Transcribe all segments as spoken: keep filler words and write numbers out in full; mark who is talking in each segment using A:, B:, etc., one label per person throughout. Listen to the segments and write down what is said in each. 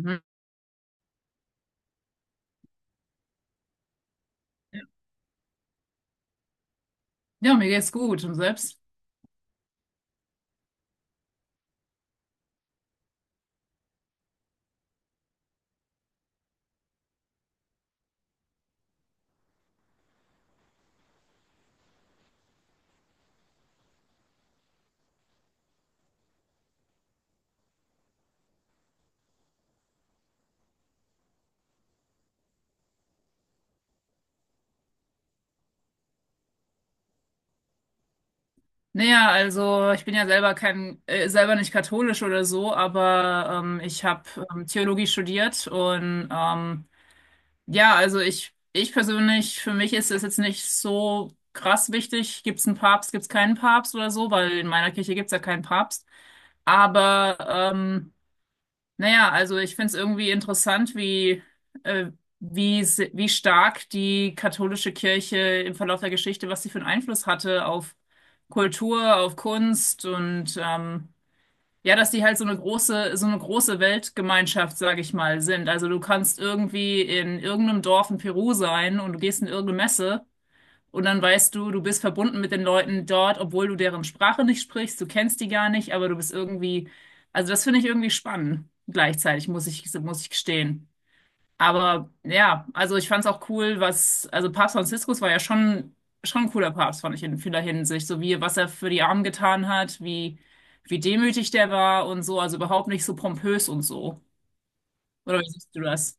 A: Mhm. Ja, mir geht's gut. Und selbst? Naja, also ich bin ja selber kein, äh, selber nicht katholisch oder so, aber ähm, ich habe ähm, Theologie studiert und ähm, ja, also ich, ich persönlich, für mich ist es jetzt nicht so krass wichtig, gibt's einen Papst, gibt's keinen Papst oder so, weil in meiner Kirche gibt's ja keinen Papst. Aber ähm, naja, also ich finde es irgendwie interessant, wie, äh, wie, se- wie stark die katholische Kirche im Verlauf der Geschichte, was sie für einen Einfluss hatte auf Kultur, auf Kunst und ähm, ja, dass die halt so eine große, so eine große Weltgemeinschaft, sage ich mal, sind. Also du kannst irgendwie in irgendeinem Dorf in Peru sein und du gehst in irgendeine Messe. Und dann weißt du, du bist verbunden mit den Leuten dort, obwohl du deren Sprache nicht sprichst, du kennst die gar nicht, aber du bist irgendwie, also das finde ich irgendwie spannend, gleichzeitig, muss ich, muss ich gestehen. Aber ja, also ich fand es auch cool, was, also Papst Franziskus war ja schon, schon ein cooler Papst, fand ich in vieler Hinsicht, so wie, was er für die Armen getan hat, wie, wie demütig der war und so, also überhaupt nicht so pompös und so. Oder wie siehst du das?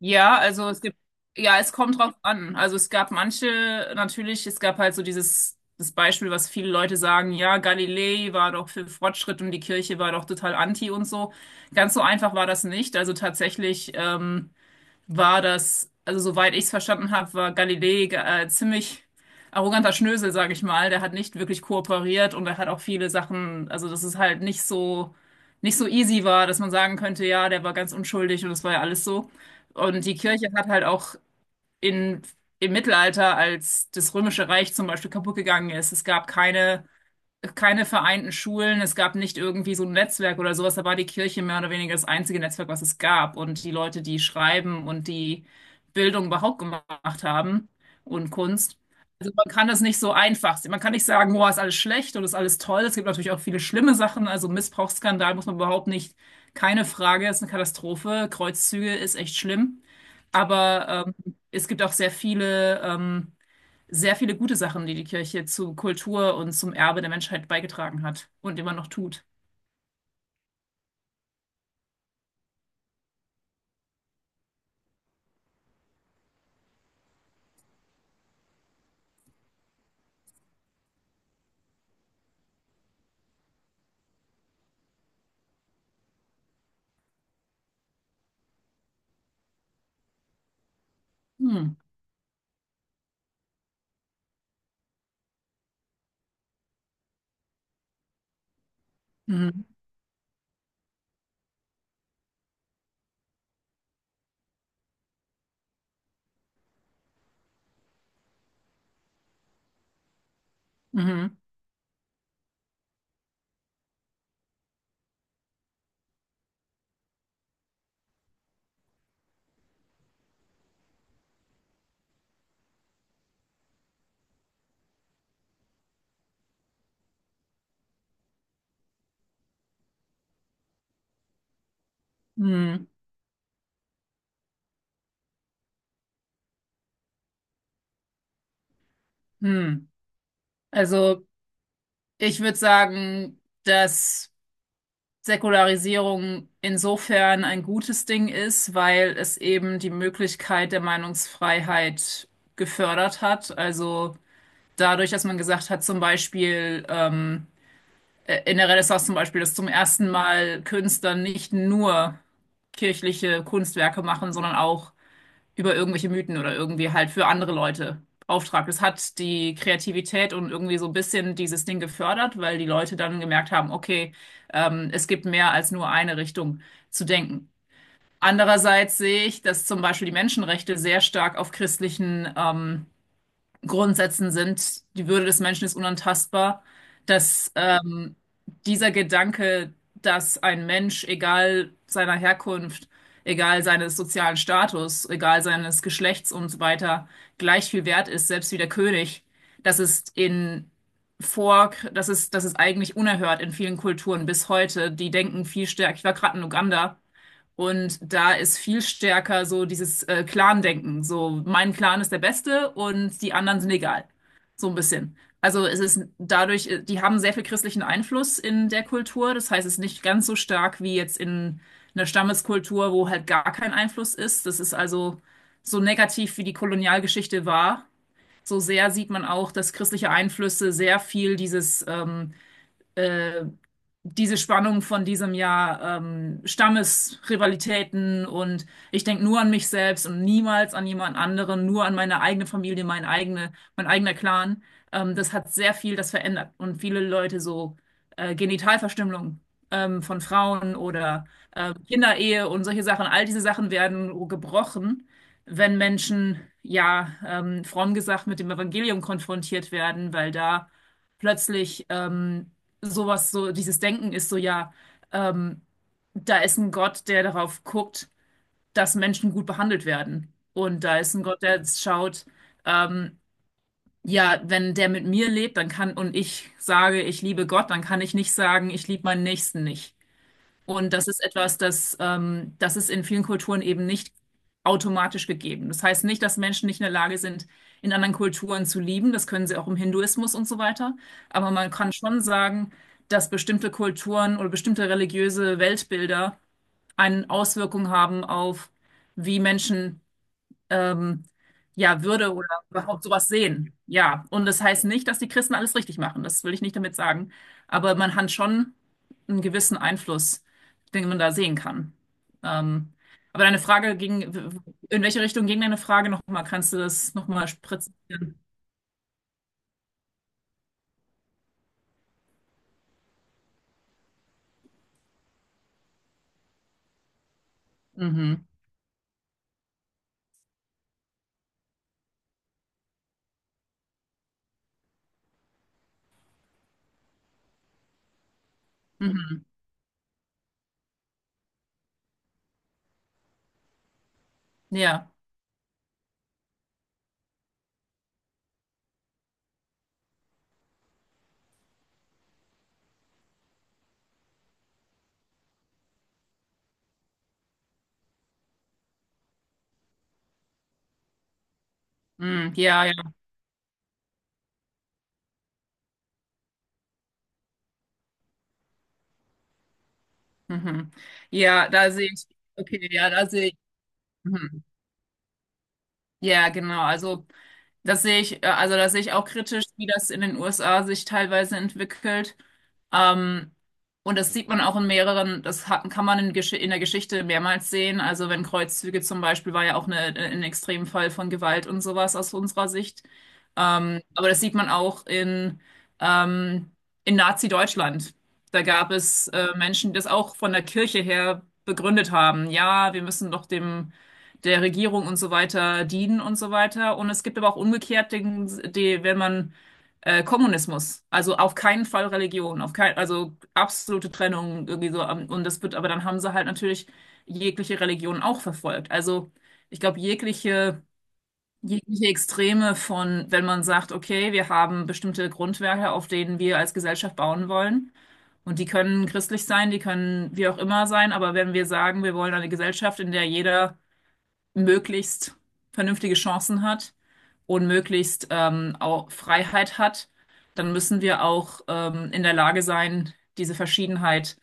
A: Ja, also es gibt, ja, es kommt drauf an. Also es gab manche, natürlich, es gab halt so dieses, das Beispiel, was viele Leute sagen, ja, Galilei war doch für Fortschritt und die Kirche war doch total anti und so. Ganz so einfach war das nicht. Also tatsächlich, ähm, war das, also soweit ich es verstanden habe, war Galilei äh, ziemlich arroganter Schnösel, sage ich mal. Der hat nicht wirklich kooperiert und er hat auch viele Sachen, also dass es halt nicht so, nicht so easy war, dass man sagen könnte, ja, der war ganz unschuldig und das war ja alles so. Und die Kirche hat halt auch in, im Mittelalter, als das Römische Reich zum Beispiel kaputt gegangen ist, es gab keine keine vereinten Schulen, es gab nicht irgendwie so ein Netzwerk oder sowas, da war die Kirche mehr oder weniger das einzige Netzwerk, was es gab. Und die Leute, die schreiben und die Bildung überhaupt gemacht haben und Kunst. Also man kann das nicht so einfach sehen. Man kann nicht sagen, boah, ist alles schlecht oder ist alles toll. Es gibt natürlich auch viele schlimme Sachen. Also Missbrauchsskandal muss man überhaupt nicht, keine Frage, ist eine Katastrophe. Kreuzzüge ist echt schlimm. Aber ähm, es gibt auch sehr viele. Ähm, sehr viele gute Sachen, die die Kirche zu Kultur und zum Erbe der Menschheit beigetragen hat und immer noch tut. Hm. Mhm. Mhm. Mhm. Mhm. Also ich würde sagen, dass Säkularisierung insofern ein gutes Ding ist, weil es eben die Möglichkeit der Meinungsfreiheit gefördert hat. Also dadurch, dass man gesagt hat, zum Beispiel ähm, äh, in der Renaissance zum Beispiel, dass zum ersten Mal Künstlern nicht nur kirchliche Kunstwerke machen, sondern auch über irgendwelche Mythen oder irgendwie halt für andere Leute Auftrag. Das hat die Kreativität und irgendwie so ein bisschen dieses Ding gefördert, weil die Leute dann gemerkt haben, okay, ähm, es gibt mehr als nur eine Richtung zu denken. Andererseits sehe ich, dass zum Beispiel die Menschenrechte sehr stark auf christlichen ähm, Grundsätzen sind, die Würde des Menschen ist unantastbar, dass ähm, dieser Gedanke, dass ein Mensch, egal seiner Herkunft, egal seines sozialen Status, egal seines Geschlechts und so weiter, gleich viel wert ist, selbst wie der König, das ist in vor, das ist, das ist eigentlich unerhört in vielen Kulturen bis heute. Die denken viel stärker. Ich war gerade in Uganda. Und da ist viel stärker so dieses äh, Clan-Denken. So, mein Clan ist der Beste und die anderen sind egal. So ein bisschen. Also es ist dadurch, äh, die haben sehr viel christlichen Einfluss in der Kultur. Das heißt, es ist nicht ganz so stark wie jetzt in einer Stammeskultur, wo halt gar kein Einfluss ist. Das ist also so negativ, wie die Kolonialgeschichte war. So sehr sieht man auch, dass christliche Einflüsse sehr viel dieses ähm, äh, diese Spannung von diesem Jahr, ähm, Stammesrivalitäten und ich denke nur an mich selbst und niemals an jemand anderen, nur an meine eigene Familie, mein eigene, mein eigener Clan. Ähm, das hat sehr viel das verändert und viele Leute so äh, Genitalverstümmelung ähm, von Frauen oder äh, Kinderehe und solche Sachen, all diese Sachen werden gebrochen, wenn Menschen, ja, ähm, fromm gesagt, mit dem Evangelium konfrontiert werden, weil da plötzlich ähm, sowas, so dieses Denken ist so, ja, ähm, da ist ein Gott, der darauf guckt, dass Menschen gut behandelt werden. Und da ist ein Gott, der schaut, ähm, ja, wenn der mit mir lebt, dann kann, und ich sage, ich liebe Gott, dann kann ich nicht sagen, ich liebe meinen Nächsten nicht. Und das ist etwas, das, ähm, das ist in vielen Kulturen eben nicht automatisch gegeben. Das heißt nicht, dass Menschen nicht in der Lage sind, in anderen Kulturen zu lieben. Das können sie auch im Hinduismus und so weiter. Aber man kann schon sagen, dass bestimmte Kulturen oder bestimmte religiöse Weltbilder eine Auswirkung haben auf, wie Menschen ähm, ja, Würde oder überhaupt sowas sehen. Ja, und das heißt nicht, dass die Christen alles richtig machen. Das will ich nicht damit sagen. Aber man hat schon einen gewissen Einfluss, den man da sehen kann. Ähm, aber deine Frage ging, in welche Richtung ging deine Frage nochmal? Kannst du das nochmal präzisieren? Mhm. Mhm. Ja, mhm. Ja, ja. Mhm. Ja, da sehe ich. Okay, ja, da sehe ich. Mhm. Ja, genau. Also. Das sehe ich, äh, also das sehe ich auch kritisch, wie das in den U S A sich teilweise entwickelt. Ähm, und das sieht man auch in mehreren, das hat, kann man in, Gesch in der Geschichte mehrmals sehen. Also wenn Kreuzzüge zum Beispiel war ja auch eine, äh, ein Extremfall von Gewalt und sowas aus unserer Sicht. Ähm, aber das sieht man auch in, ähm, in Nazi-Deutschland. Da gab es äh, Menschen, die das auch von der Kirche her begründet haben. Ja, wir müssen doch dem der Regierung und so weiter dienen und so weiter. Und es gibt aber auch umgekehrt, den, die, wenn man äh, Kommunismus, also auf keinen Fall Religion, auf kein, also absolute Trennung irgendwie so. Ähm, und das wird, aber dann haben sie halt natürlich jegliche Religion auch verfolgt. Also ich glaube, jegliche, jegliche Extreme von, wenn man sagt, okay, wir haben bestimmte Grundwerte, auf denen wir als Gesellschaft bauen wollen. Und die können christlich sein, die können wie auch immer sein, aber wenn wir sagen, wir wollen eine Gesellschaft, in der jeder möglichst vernünftige Chancen hat und möglichst ähm, auch Freiheit hat, dann müssen wir auch ähm, in der Lage sein, diese Verschiedenheit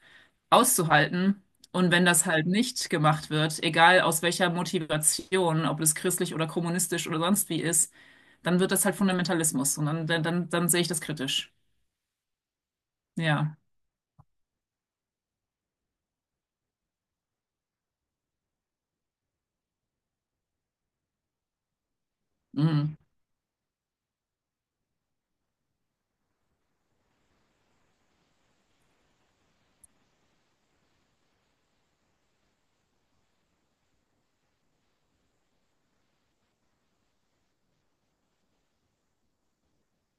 A: auszuhalten. Und wenn das halt nicht gemacht wird, egal aus welcher Motivation, ob es christlich oder kommunistisch oder sonst wie ist, dann wird das halt Fundamentalismus. Und dann, dann, dann, dann sehe ich das kritisch. Ja. Mhm.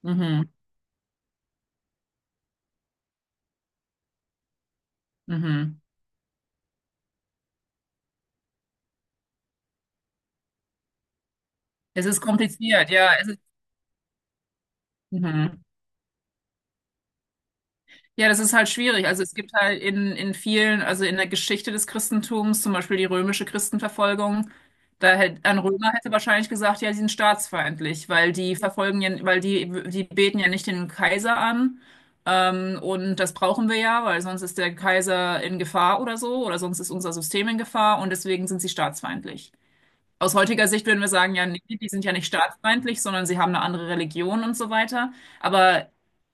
A: Mhm. Mhm. Es ist kompliziert, ja. Es ist, mhm. Ja, das ist halt schwierig. Also es gibt halt in, in vielen, also in der Geschichte des Christentums, zum Beispiel die römische Christenverfolgung, da hätte, ein Römer hätte wahrscheinlich gesagt, ja, die sind staatsfeindlich, weil die verfolgen ja, weil die, die beten ja nicht den Kaiser an. Ähm, und das brauchen wir ja, weil sonst ist der Kaiser in Gefahr oder so, oder sonst ist unser System in Gefahr und deswegen sind sie staatsfeindlich. Aus heutiger Sicht würden wir sagen, ja, nee, die sind ja nicht staatsfeindlich, sondern sie haben eine andere Religion und so weiter. Aber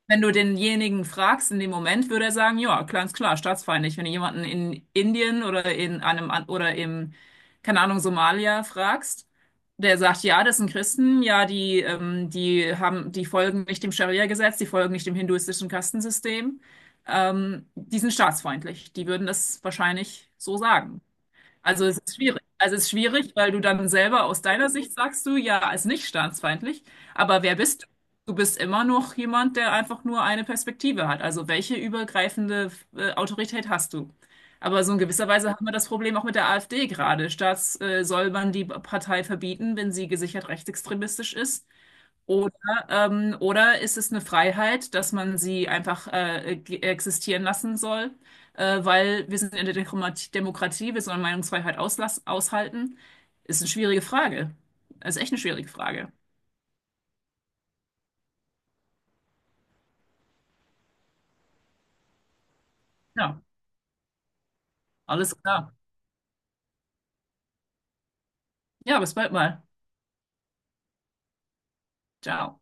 A: wenn du denjenigen fragst in dem Moment, würde er sagen, ja, klar, ist klar, staatsfeindlich. Wenn du jemanden in Indien oder in einem an- oder im, keine Ahnung, Somalia fragst, der sagt, ja, das sind Christen, ja, die, ähm, die haben, die folgen nicht dem Scharia-Gesetz, die folgen nicht dem hinduistischen Kastensystem, ähm, die sind staatsfeindlich. Die würden das wahrscheinlich so sagen. Also es ist schwierig. Also es ist schwierig, weil du dann selber aus deiner Sicht sagst du, ja, ist nicht staatsfeindlich. Aber wer bist du? Du bist immer noch jemand, der einfach nur eine Perspektive hat. Also welche übergreifende äh, Autorität hast du? Aber so in gewisser Weise haben wir das Problem auch mit der AfD gerade. Staats, äh, soll man die Partei verbieten, wenn sie gesichert rechtsextremistisch ist? Oder, ähm, oder ist es eine Freiheit, dass man sie einfach äh, ge- existieren lassen soll, äh, weil wir sind in der Demokratie, Demokratie, wir sollen Meinungsfreiheit auslass aushalten? Ist eine schwierige Frage. Ist echt eine schwierige Frage. Ja, alles klar. Ja, bis bald mal. Ciao.